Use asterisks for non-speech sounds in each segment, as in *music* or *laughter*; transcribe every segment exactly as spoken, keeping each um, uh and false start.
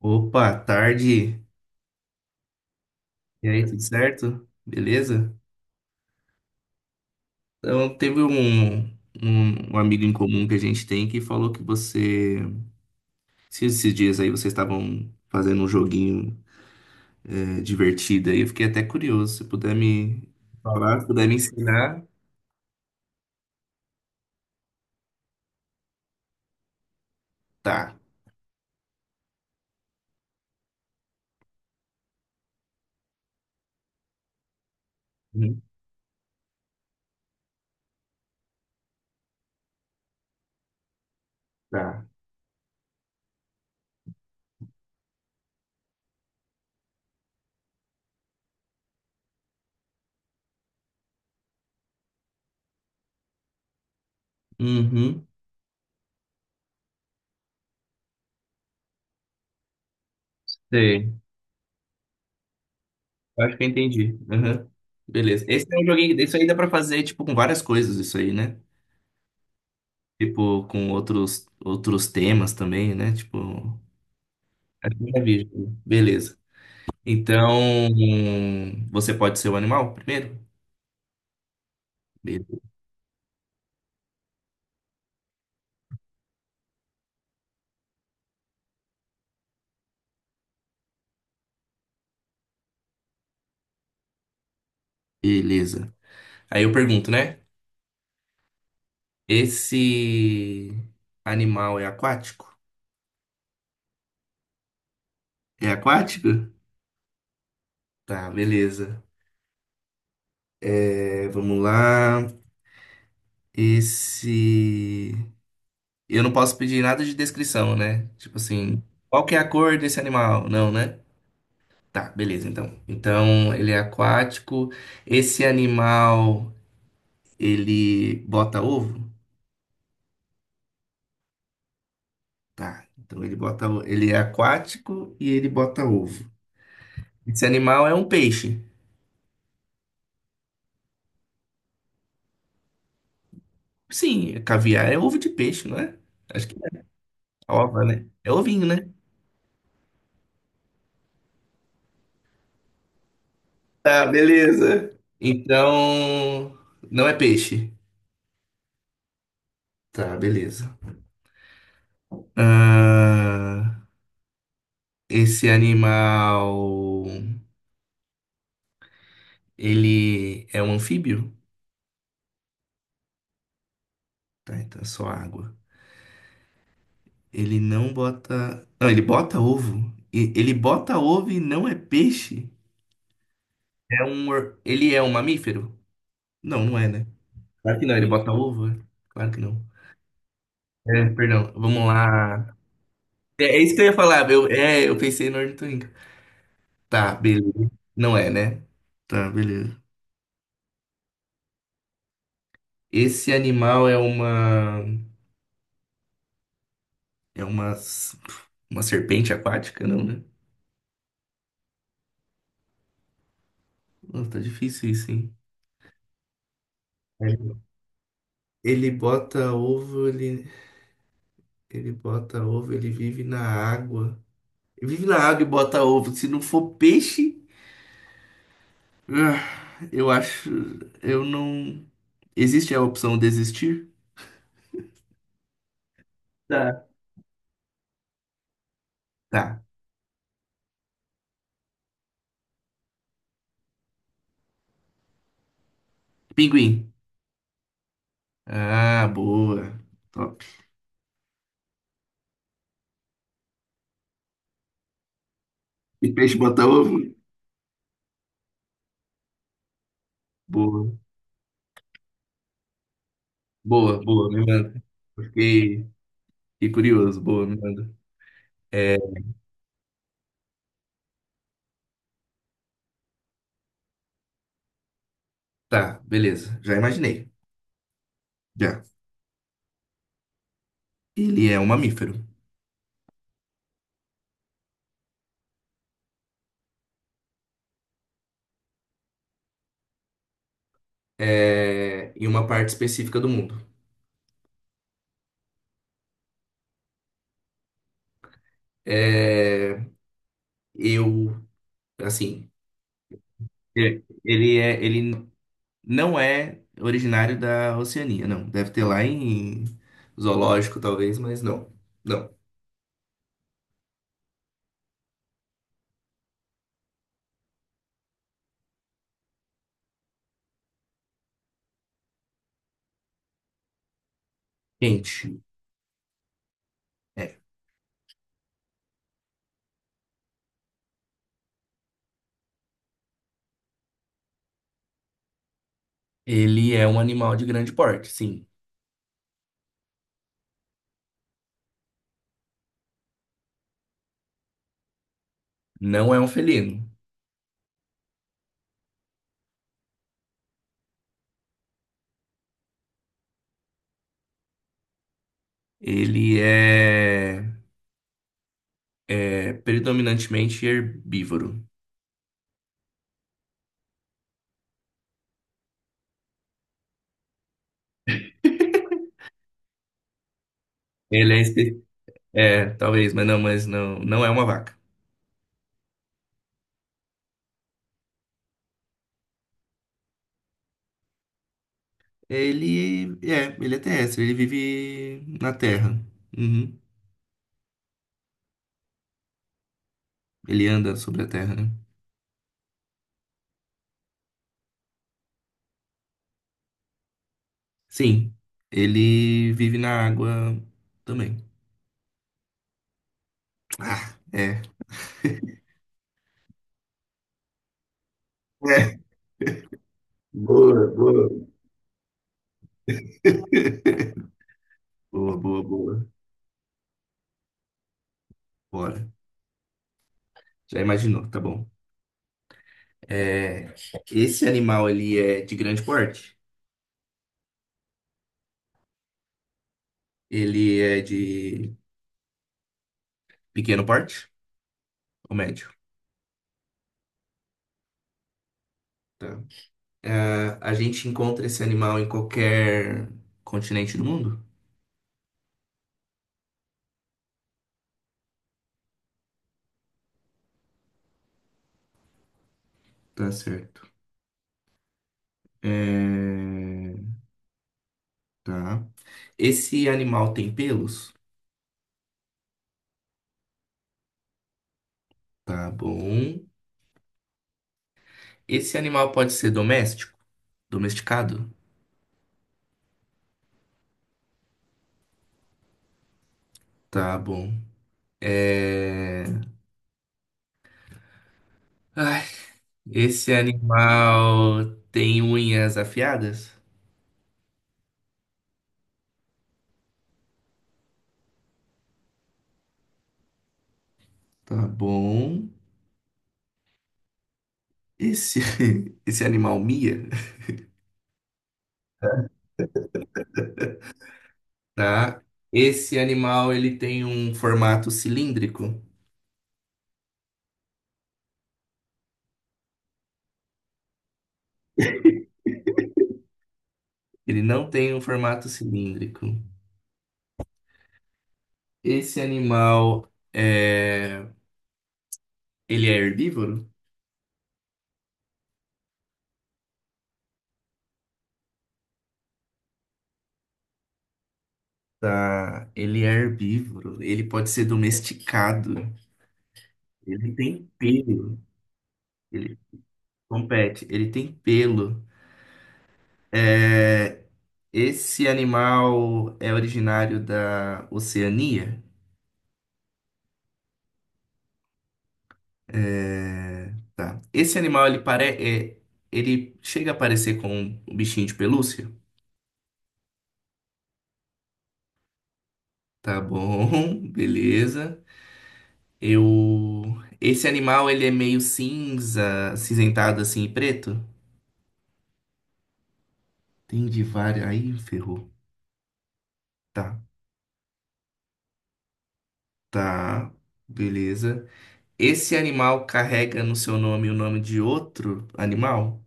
Opa, tarde. E aí, tudo certo? Beleza? Então, teve um, um, um amigo em comum que a gente tem que falou que você. Se esses dias aí vocês estavam fazendo um joguinho é, divertido aí, eu fiquei até curioso. Se puder me falar, se puder me ensinar, tá. Uhum. Tá. Uhum. Sei. Acho que eu entendi. Uhum. Beleza. Esse é um joguinho. Isso aí dá pra fazer, tipo, com várias coisas, isso aí, né? Tipo, com outros, outros temas também, né? Tipo. À primeira vista. Beleza. Então, você pode ser o animal primeiro? Be- Beleza. Aí eu pergunto, né? Esse animal é aquático? É aquático? Tá, beleza. É, vamos lá. Esse. Eu não posso pedir nada de descrição, né? Tipo assim, qual que é a cor desse animal? Não, né? Tá, beleza, então. Então, ele é aquático. Esse animal, ele bota ovo? Tá. Então ele bota, o- ele é aquático e ele bota ovo. Esse animal é um peixe. Sim, caviar é ovo de peixe, não é? Acho que é ova, né? É ovinho, né? Tá, beleza. Então, não é peixe. Tá, beleza. Ah, esse animal, ele é um anfíbio? Tá, então é só água. Ele não bota. Não, ele bota ovo. E- Ele bota ovo e não é peixe? É um... or- Ele é um mamífero? Não, não é, né? Claro que não, ele bota ovo, é? Claro que não. É, perdão, vamos lá. É, é isso que eu ia falar, eu, é, eu pensei no ornitorrinco. Tá, beleza. Não é, né? Tá, beleza. Esse animal é uma... É uma... s- Uma serpente aquática, não, né? Nossa, tá difícil isso, hein? É. Ele bota ovo, ele... Ele bota ovo, ele vive na água. Ele vive na água e bota ovo. Se não for peixe... ah, eu acho. Eu não. Existe a opção desistir? Tá. Tá. Pinguim. Ah, boa. Top. E peixe bota ovo? Boa. Boa, boa, me manda. Fiquei, fiquei curioso. Boa, me manda. É. Tá, beleza. Já imaginei. Já. Ele é um mamífero. É... Em uma parte específica do mundo. É... Eu, assim, é, ele é, ele não é originário da Oceania, não. Deve ter lá em zoológico, talvez, mas não. Não. Quente. É. Ele é um animal de grande porte, sim. Não é um felino. Ele é, é predominantemente herbívoro. Ele é, espe- é, talvez, mas não, mas não, não é uma vaca. Ele é, ele é terrestre, ele vive na terra. Uhum. Ele anda sobre a terra, né? Sim, ele vive na água também. Ah, é. É. Boa, boa. *laughs* Boa, boa, boa. Bora. Já imaginou, tá bom. É, esse animal, ele é de grande porte? Ele é de pequeno porte ou médio? Tá. A, a gente encontra esse animal em qualquer continente do mundo? Tá certo. É, tá. Esse animal tem pelos? Tá bom. Esse animal pode ser doméstico? Domesticado? Tá bom. É... esse animal tem unhas afiadas? Tá bom. Esse, *laughs* esse animal mia? Tá. Esse animal ele tem um formato cilíndrico? Ele não tem um formato cilíndrico. Esse animal é... Ele é herbívoro? Tá. Ele é herbívoro. Ele pode ser domesticado. Ele tem pelo. Ele compete, ele tem pelo. É, esse animal é originário da Oceania? É, tá. Esse animal, ele pare... é, ele chega a parecer com um bichinho de pelúcia? Tá bom, *laughs* beleza. Eu... Esse animal, ele é meio cinza, acinzentado assim e preto? Tem de várias... Aí, ferrou. Tá, tá, beleza. Esse animal carrega no seu nome o nome de outro animal?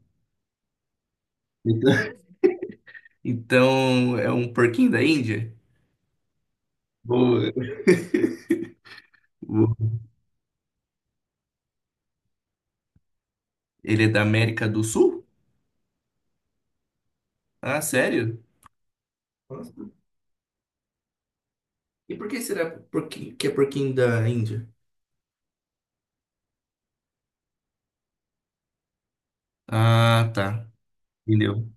*laughs* Então, é um porquinho da Índia? Boa. *laughs* Boa. Ele é da América do Sul? Ah, sério? Nossa. E por que será porquinho, que é porquinho da Índia? Ah, tá. Entendeu?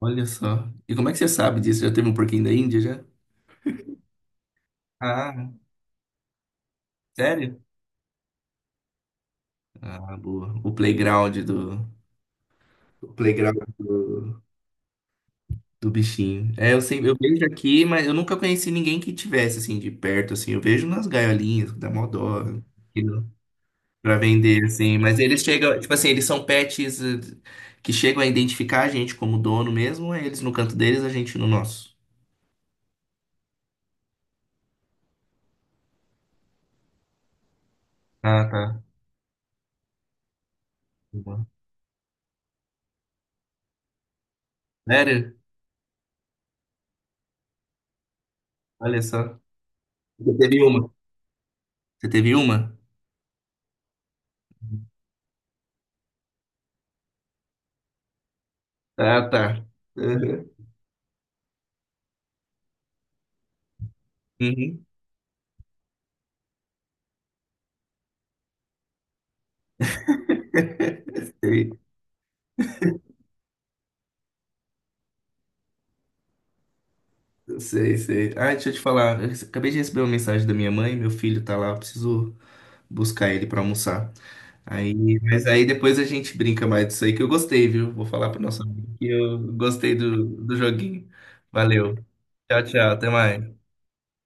Olha só. E como é que você sabe disso? Já teve um porquinho da Índia já? Ah, sério? Ah, boa. O playground do. O playground do, do bichinho. É, eu sempre, eu vejo aqui, mas eu nunca conheci ninguém que tivesse assim de perto, assim. Eu vejo nas gaiolinhas, que dá mó dó. Pra vender, assim. Mas eles chegam, tipo assim, eles são pets eh, que chegam a identificar a gente como dono mesmo, ou é eles no canto deles, a gente no nosso. Ah, tá. Uma. Sério? Olha só. Você teve uma? Você teve uma? Ah, tá. Uhum. Uhum. *laughs* Sei, sei, sei. Ah, deixa eu te falar. Eu acabei de receber uma mensagem da minha mãe, meu filho tá lá, eu preciso buscar ele pra almoçar. Aí, mas aí depois a gente brinca mais disso aí que eu gostei, viu? Vou falar pro nosso amigo que eu gostei do, do joguinho. Valeu. Tchau, tchau. Até mais.